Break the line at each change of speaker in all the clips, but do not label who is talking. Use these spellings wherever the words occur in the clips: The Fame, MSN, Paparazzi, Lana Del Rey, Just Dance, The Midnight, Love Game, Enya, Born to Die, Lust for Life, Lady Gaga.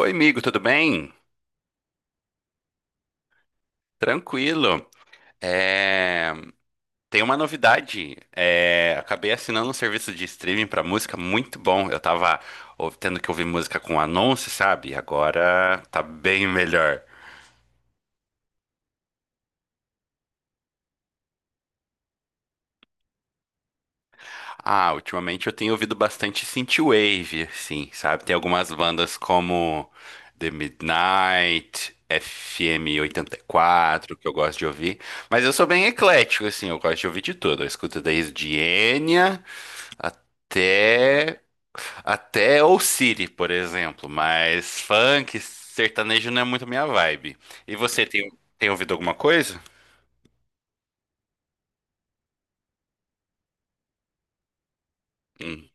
Oi, amigo, tudo bem? Tranquilo. É, Tem uma novidade. Acabei assinando um serviço de streaming para música muito bom. Eu tava tendo que ouvir música com anúncio, sabe? Agora tá bem melhor. Ah, ultimamente eu tenho ouvido bastante synthwave, sim, sabe? Tem algumas bandas como The Midnight, FM quatro que eu gosto de ouvir. Mas eu sou bem eclético, assim, eu gosto de ouvir de tudo. Eu escuto desde Enya. Até. Até ou City, por exemplo. Mas funk, sertanejo não é muito minha vibe. E você tem ouvido alguma coisa? Hum.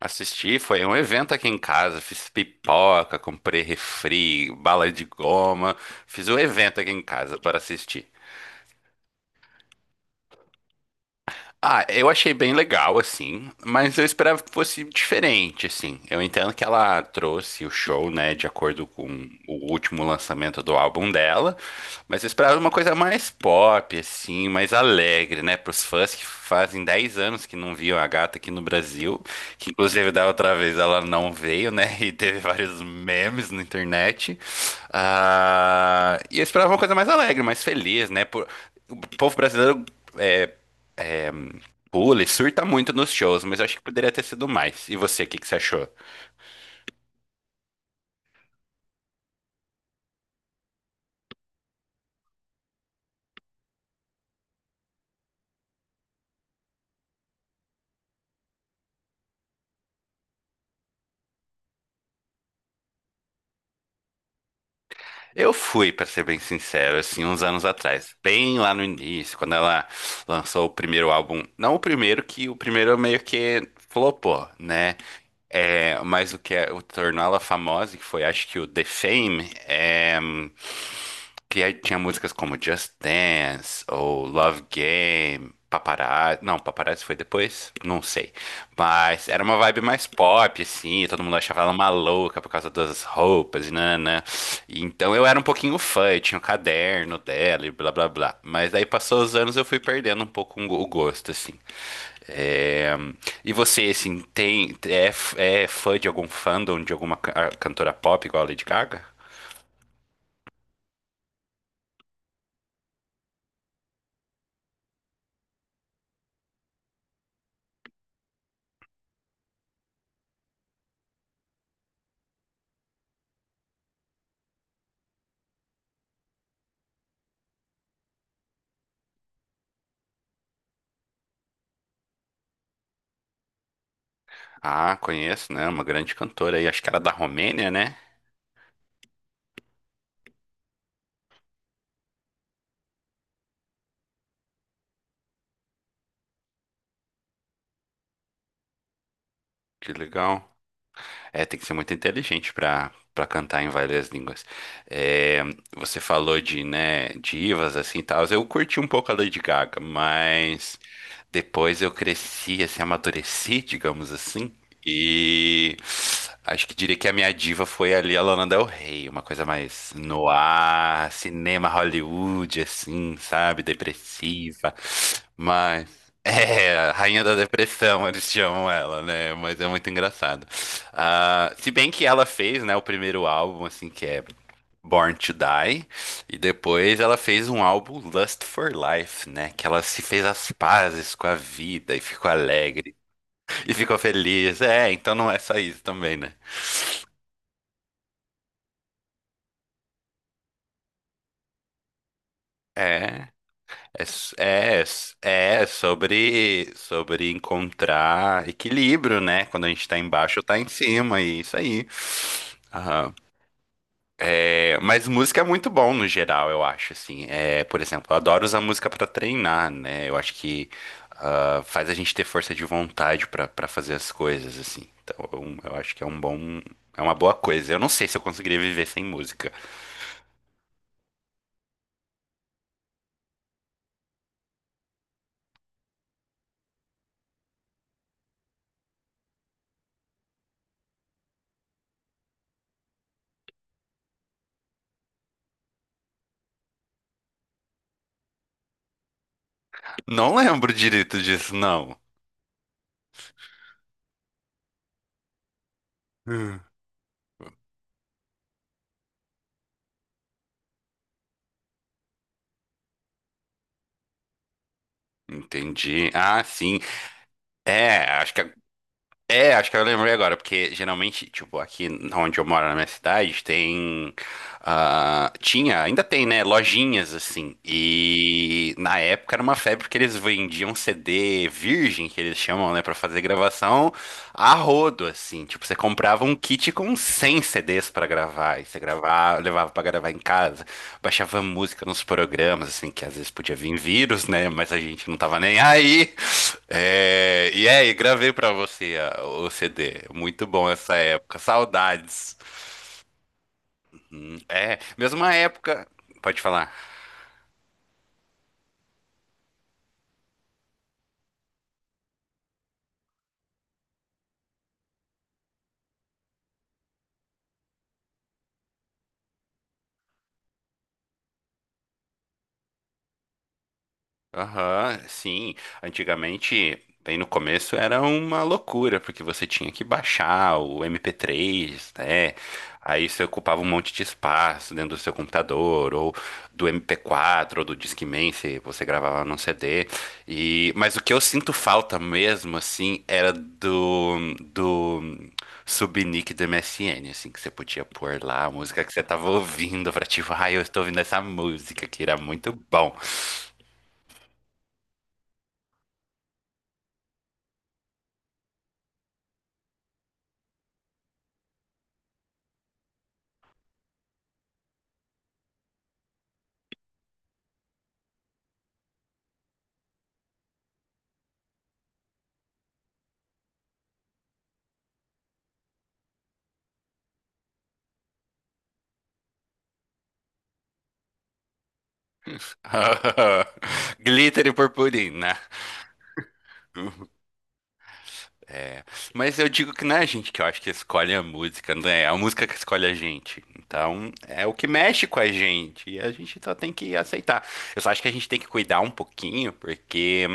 Assisti, foi um evento aqui em casa. Fiz pipoca, comprei refri, bala de goma. Fiz um evento aqui em casa para assistir. Ah, eu achei bem legal, assim, mas eu esperava que fosse diferente, assim. Eu entendo que ela trouxe o show, né, de acordo com o último lançamento do álbum dela, mas eu esperava uma coisa mais pop, assim, mais alegre, né, pros fãs que fazem 10 anos que não viam a gata aqui no Brasil, que inclusive da outra vez ela não veio, né, e teve vários memes na internet. Ah, e eu esperava uma coisa mais alegre, mais feliz, né, o povo brasileiro. é, é, Pula e surta muito nos shows, mas eu acho que poderia ter sido mais. E você, o que que você achou? Eu fui, pra ser bem sincero, assim, uns anos atrás, bem lá no início, quando ela lançou o primeiro álbum. Não o primeiro, que o primeiro meio que flopou, né? É, mas o que é, o tornou ela famosa, que foi acho que o The Fame, que aí tinha músicas como Just Dance ou Love Game, Paparazzi. Não, Paparazzi foi depois? Não sei. Mas era uma vibe mais pop, assim. E todo mundo achava ela uma louca por causa das roupas e nanã. E então eu era um pouquinho fã, eu tinha o caderno dela e blá blá blá. Mas daí passou os anos eu fui perdendo um pouco o gosto, assim. É, E você, assim, é fã de algum fandom, de alguma cantora pop igual a Lady Gaga? Ah, conheço, né? Uma grande cantora aí, acho que era da Romênia, né? Que legal. É, tem que ser muito inteligente pra para cantar em várias línguas. É, você falou de, né, divas assim, e tal. Eu curti um pouco a Lady Gaga, mas depois eu cresci, assim, amadureci, digamos assim, e acho que diria que a minha diva foi ali a Lana Del Rey, uma coisa mais noir, cinema Hollywood, assim, sabe, depressiva. Mas é a rainha da depressão, eles chamam ela, né? Mas é muito engraçado. Ah, se bem que ela fez, né, o primeiro álbum, assim, que é Born to Die, e depois ela fez um álbum Lust for Life, né? Que ela se fez as pazes com a vida e ficou alegre e ficou feliz. É, então não é só isso também, né? É. É, sobre encontrar equilíbrio, né? Quando a gente tá embaixo, tá em cima, e isso aí. Aham. É, mas música é muito bom no geral, eu acho, assim. É, por exemplo, eu adoro usar música pra treinar, né? Eu acho que faz a gente ter força de vontade pra fazer as coisas, assim. Então, eu acho que é um bom, é uma boa coisa. Eu não sei se eu conseguiria viver sem música. Não lembro direito disso, não. Hum. Entendi. Ah, sim. É, acho que eu lembrei agora, porque geralmente, tipo, aqui onde eu moro na minha cidade, tem tinha, ainda tem, né, lojinhas assim. E na época era uma febre porque eles vendiam CD virgem, que eles chamam, né, pra fazer gravação a rodo assim. Tipo, você comprava um kit com 100 CDs pra gravar, e você gravava, levava pra gravar em casa, baixava música nos programas, assim, que às vezes podia vir vírus, né? Mas a gente não tava nem aí. É, e aí, gravei pra você o CD. Muito bom essa época. Saudades. É, mesma época. Pode falar. Aham, sim. Antigamente, bem no começo, era uma loucura, porque você tinha que baixar o MP3, né? Aí você ocupava um monte de espaço dentro do seu computador, ou do MP4, ou do Discman, se você gravava num CD. Mas o que eu sinto falta mesmo, assim, era do subnick do MSN, assim, que você podia pôr lá a música que você tava ouvindo pra, tipo, ai, eu estou ouvindo essa música, que era muito bom. Glitter e purpurina. Mas eu digo que não é a gente que eu acho que escolhe a música, né? É. É a música que escolhe a gente. Então, é o que mexe com a gente. E a gente só tem que aceitar. Eu só acho que a gente tem que cuidar um pouquinho, porque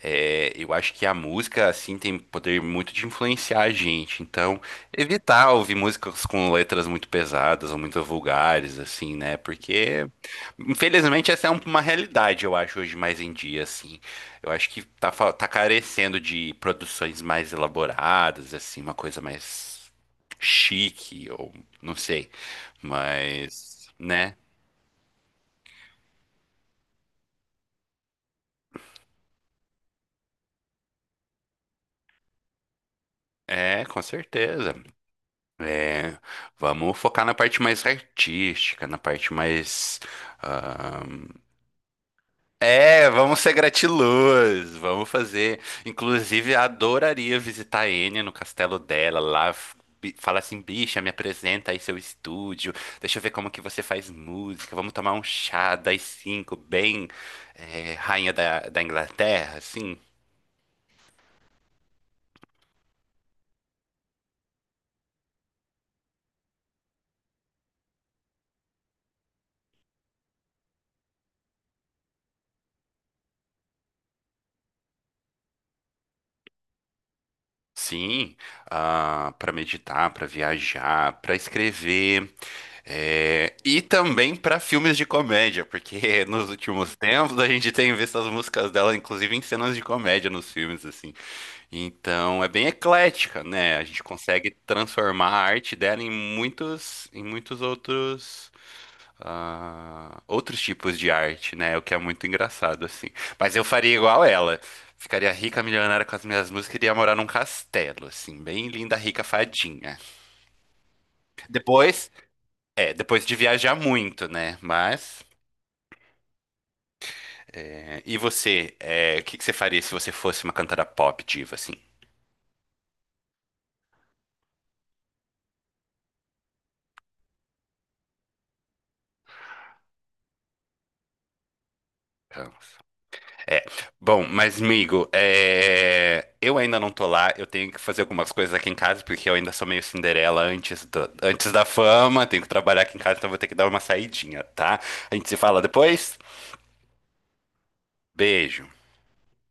Eu acho que a música, assim, tem poder muito de influenciar a gente. Então, evitar ouvir músicas com letras muito pesadas ou muito vulgares, assim, né? Porque, infelizmente, essa é uma realidade, eu acho, hoje mais em dia, assim. Eu acho que tá carecendo de produções mais elaboradas, assim, uma coisa mais chique, ou não sei. Mas, né? É, com certeza. É, vamos focar na parte mais artística, na parte mais. ah, vamos ser gratiluz, vamos fazer. Inclusive, adoraria visitar a Enya no castelo dela lá. Falar assim, bicha, me apresenta aí seu estúdio, deixa eu ver como que você faz música, vamos tomar um chá das cinco, bem rainha da Inglaterra, assim. Sim, para meditar, para viajar, para escrever, e também para filmes de comédia, porque nos últimos tempos a gente tem visto as músicas dela, inclusive em cenas de comédia nos filmes, assim. Então é bem eclética, né? A gente consegue transformar a arte dela em muitos outros tipos de arte, né? O que é muito engraçado, assim. Mas eu faria igual ela. Ficaria rica, milionária com as minhas músicas e iria morar num castelo, assim, bem linda, rica, fadinha. Depois, depois de viajar muito, né? Mas. E você, o que que você faria se você fosse uma cantora pop diva, assim? Então. É. Bom, mas, amigo, eu ainda não tô lá. Eu tenho que fazer algumas coisas aqui em casa, porque eu ainda sou meio Cinderela antes antes da fama. Tenho que trabalhar aqui em casa, então vou ter que dar uma saidinha, tá? A gente se fala depois. Beijo.